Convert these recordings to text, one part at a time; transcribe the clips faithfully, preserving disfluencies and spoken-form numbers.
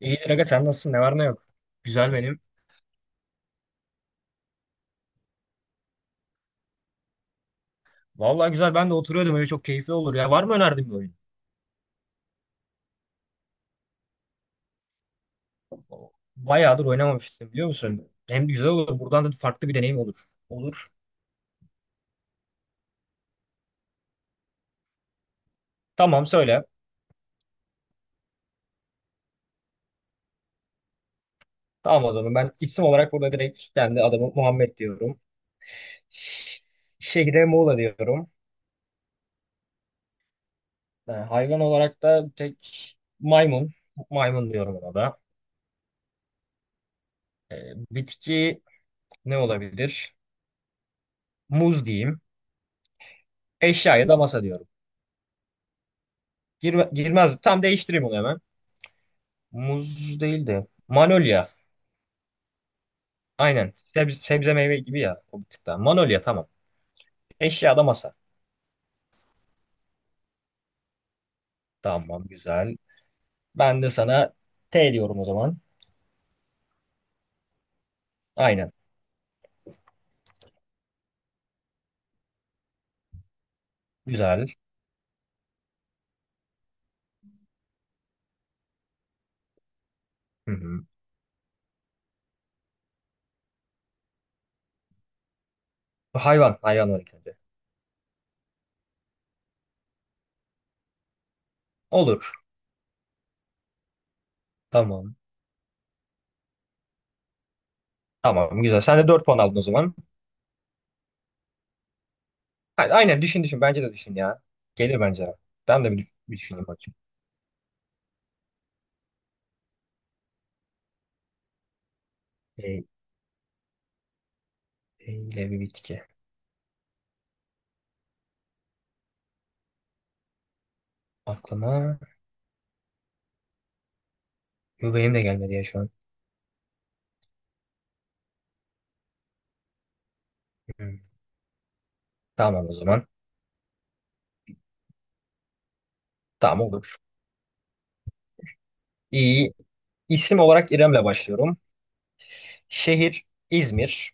İyidir aga sen nasılsın? Ne var ne yok. Güzel benim. Vallahi güzel ben de oturuyordum öyle çok keyifli olur ya. Var mı önerdiğin bir oyun? Bayağıdır oynamamıştım biliyor musun? Hem güzel olur buradan da farklı bir deneyim olur. Olur. Tamam söyle. Tamam o zaman ben isim olarak burada direkt kendi adamı Muhammed diyorum. Ş- Şehre Muğla diyorum. Ee, hayvan olarak da tek maymun. Maymun diyorum ona da. Ee, bitki ne olabilir? Muz diyeyim. Eşyaya da masa diyorum. Girme- girmez. Tam değiştireyim onu hemen. Muz değil de Manolya. Aynen. Sebze, sebze meyve gibi ya. O bir tık daha. Manolya tamam. Eşyada masa. Tamam güzel. Ben de sana T diyorum o zaman. Aynen. Güzel. Hı hı. Hayvan. Hayvan var ikinci. Olur. Tamam. Tamam güzel. Sen de dört puan aldın o zaman. A- Aynen düşün düşün. Bence de düşün ya. Gelir bence. Ben de bir, bir düşüneyim bakayım. E, eyle bir bitki. Aklıma. Yo, benim de gelmedi ya şu an. Hı. Tamam o zaman. Tamam olur. İyi. İsim olarak İrem'le başlıyorum. Şehir İzmir.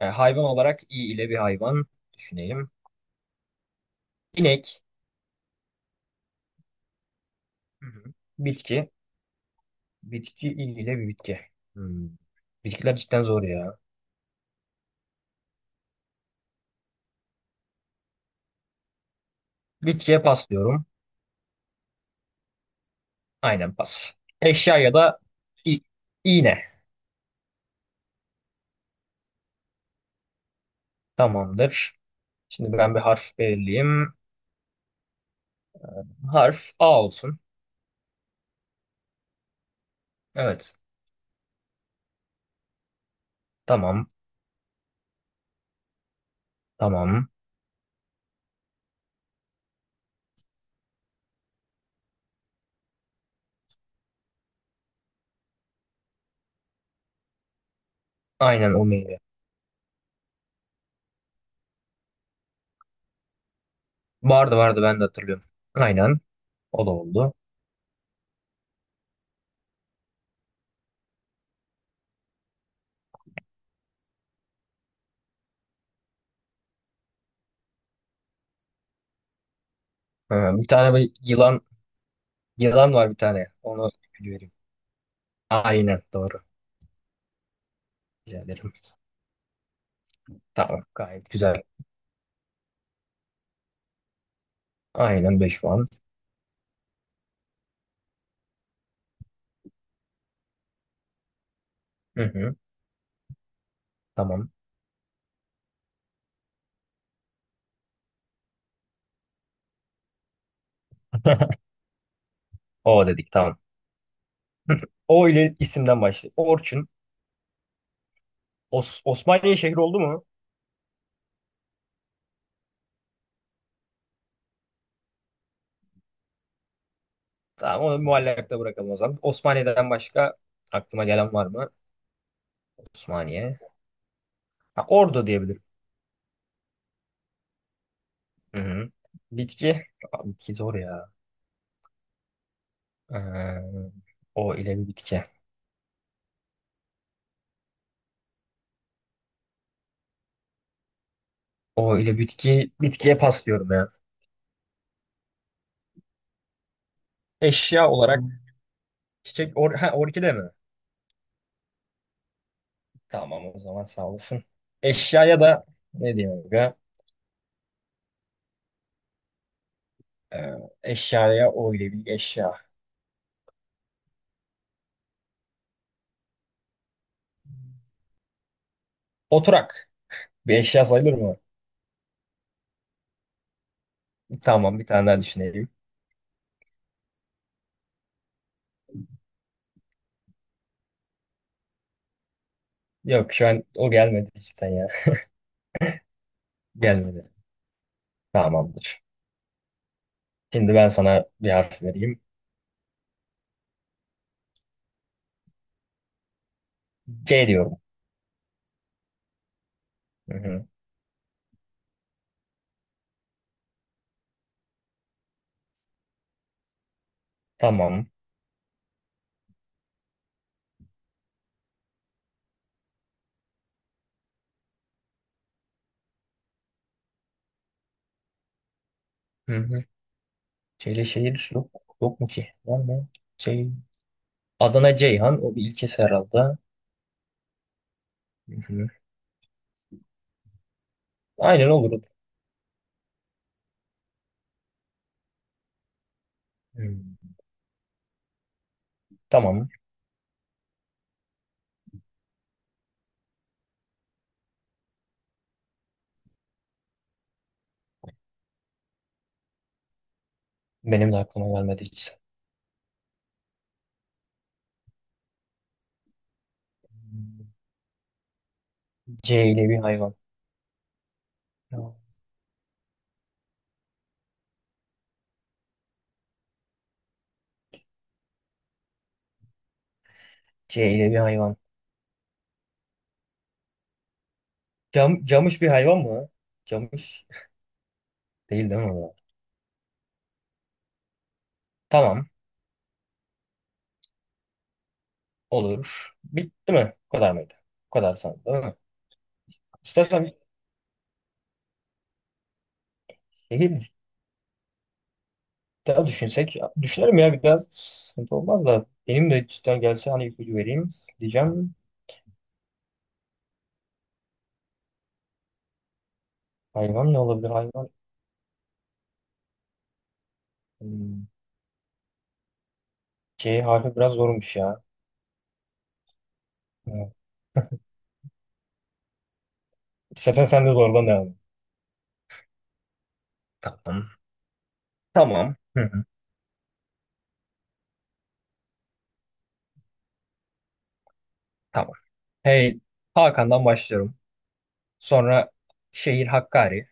E, hayvan olarak i ile bir hayvan düşünelim. İnek. Hı hı. Bitki. Bitki i ile bir bitki. Hmm. Bitkiler cidden zor ya. Bitkiye pas diyorum. Aynen pas. Eşya ya da i- iğne. Tamamdır. Şimdi ben bir harf belirleyeyim. Harf A olsun. Evet. Tamam. Tamam. Aynen o meyve. Vardı vardı ben de hatırlıyorum. Aynen. O da oldu. Ha, bir tane bir yılan yılan var bir tane. Onu vereyim. Aynen doğru. Rica ederim. Tamam gayet güzel. Aynen beş puan. Hı hı. Tamam. O dedik tamam. Hı. O ile isimden başlayalım. Orçun. Os- Osmaniye şehri oldu mu? Tamam onu muallakta bırakalım o zaman. Osmaniye'den başka aklıma gelen var mı? Osmaniye. Ha, Ordu diyebilirim. Hı hı. Bitki. Aa, bitki zor ya. Ee, o ile bir bitki. O ile bitki. Bitkiye pas diyorum ya. Eşya olarak çiçek or ha, orkide mi? Tamam o zaman sağ olasın. Eşyaya da ne diyeyim aga? Ee, eşyaya öyle bir eşya. Oturak. Bir eşya sayılır mı? Tamam bir tane daha düşünelim. Yok şu an o gelmedi cidden ya. Gelmedi. Tamamdır. Şimdi ben sana bir harf vereyim. C diyorum. Hı hı. Tamam. Hı hı. C ile şehir yok. Yok mu ki? Var mı? C. Adana Ceyhan. O bir ilçesi herhalde. Hı hı. Aynen olur. Hı. Tamam. Benim de aklıma gelmedi hiç. C ile bir hayvan. Tamam. C'yle bir hayvan. Cam, camış bir hayvan mı? Camış değil değil mi o? Tamam. Olur. Bitti mi? Bu kadar mıydı? Bu kadar sandım değil mi? İstersen bir şehir daha düşünsek. Düşünelim ya biraz sıkıntı olmaz da. Benim de cidden gelse hani ipucu vereyim diyeceğim. Hayvan ne olabilir hayvan? Hmm, C harfi biraz zormuş ya. Evet. İstersen sen de zorlan devam et. Tamam. Tamam. Hı hı. Tamam. Hey, Hakan'dan başlıyorum. Sonra şehir Hakkari.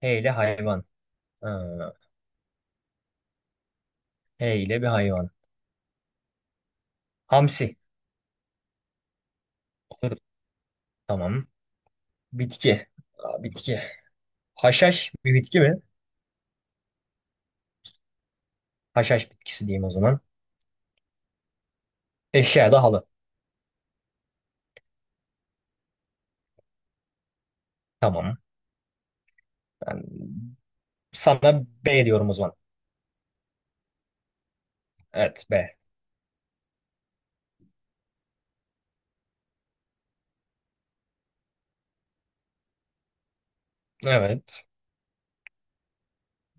Hey ile hayvan. Ee, H ile bir hayvan. Hamsi. Olur. Tamam. Bitki. Aa, bitki. Haşhaş bir bitki mi? Haşhaş bitkisi diyeyim o zaman. Eşya da halı. Tamam. Ben sana B diyorum o zaman. Evet B. Evet.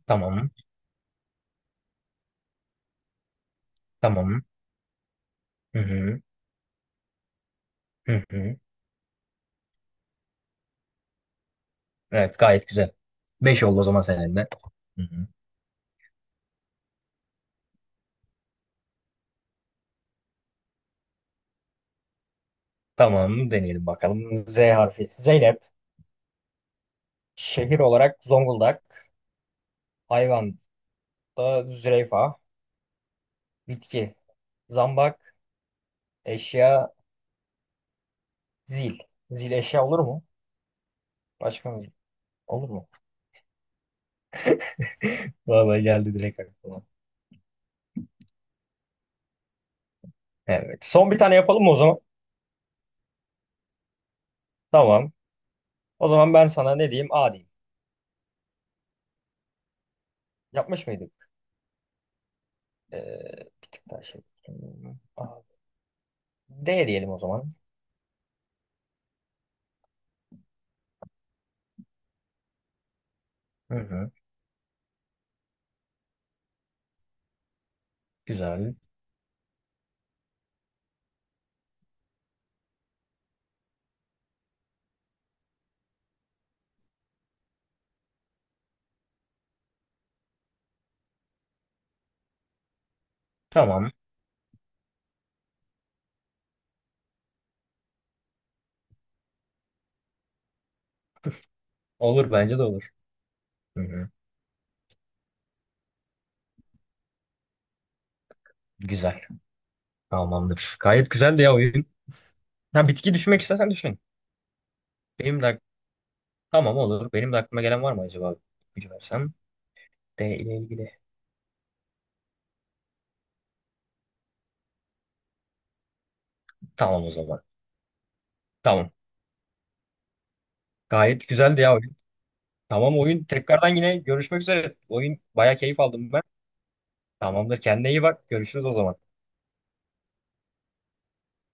Tamam. Tamam. Hı hı. Hı hı. Evet gayet güzel. Beş oldu o zaman senin de. Hı hı. Tamam deneyelim bakalım. Z harfi. Zeynep. Şehir olarak Zonguldak. Hayvan da zürafa. Bitki. Zambak. Eşya zil. Zil eşya olur mu? Başka mı? Olur mu? Vallahi geldi direkt aklıma. Evet. Son bir tane yapalım mı o zaman? Tamam. O zaman ben sana ne diyeyim? A diyeyim. Yapmış mıydık? Ee, bir tık daha şey. A. D diyelim o zaman. Hı hı. Güzel. Tamam. Olur bence de olur. Hı hı. Güzel. Tamamdır. Gayet güzeldi ya oyun. Ha, bitki düşünmek istersen düşün. Benim de ak- tamam olur. Benim de aklıma gelen var mı acaba? Gücü versem. D ile ilgili. Tamam o zaman. Tamam. Gayet güzeldi ya oyun. Tamam oyun. Tekrardan yine görüşmek üzere. Oyun bayağı keyif aldım ben. Tamamdır. Kendine iyi bak. Görüşürüz o zaman.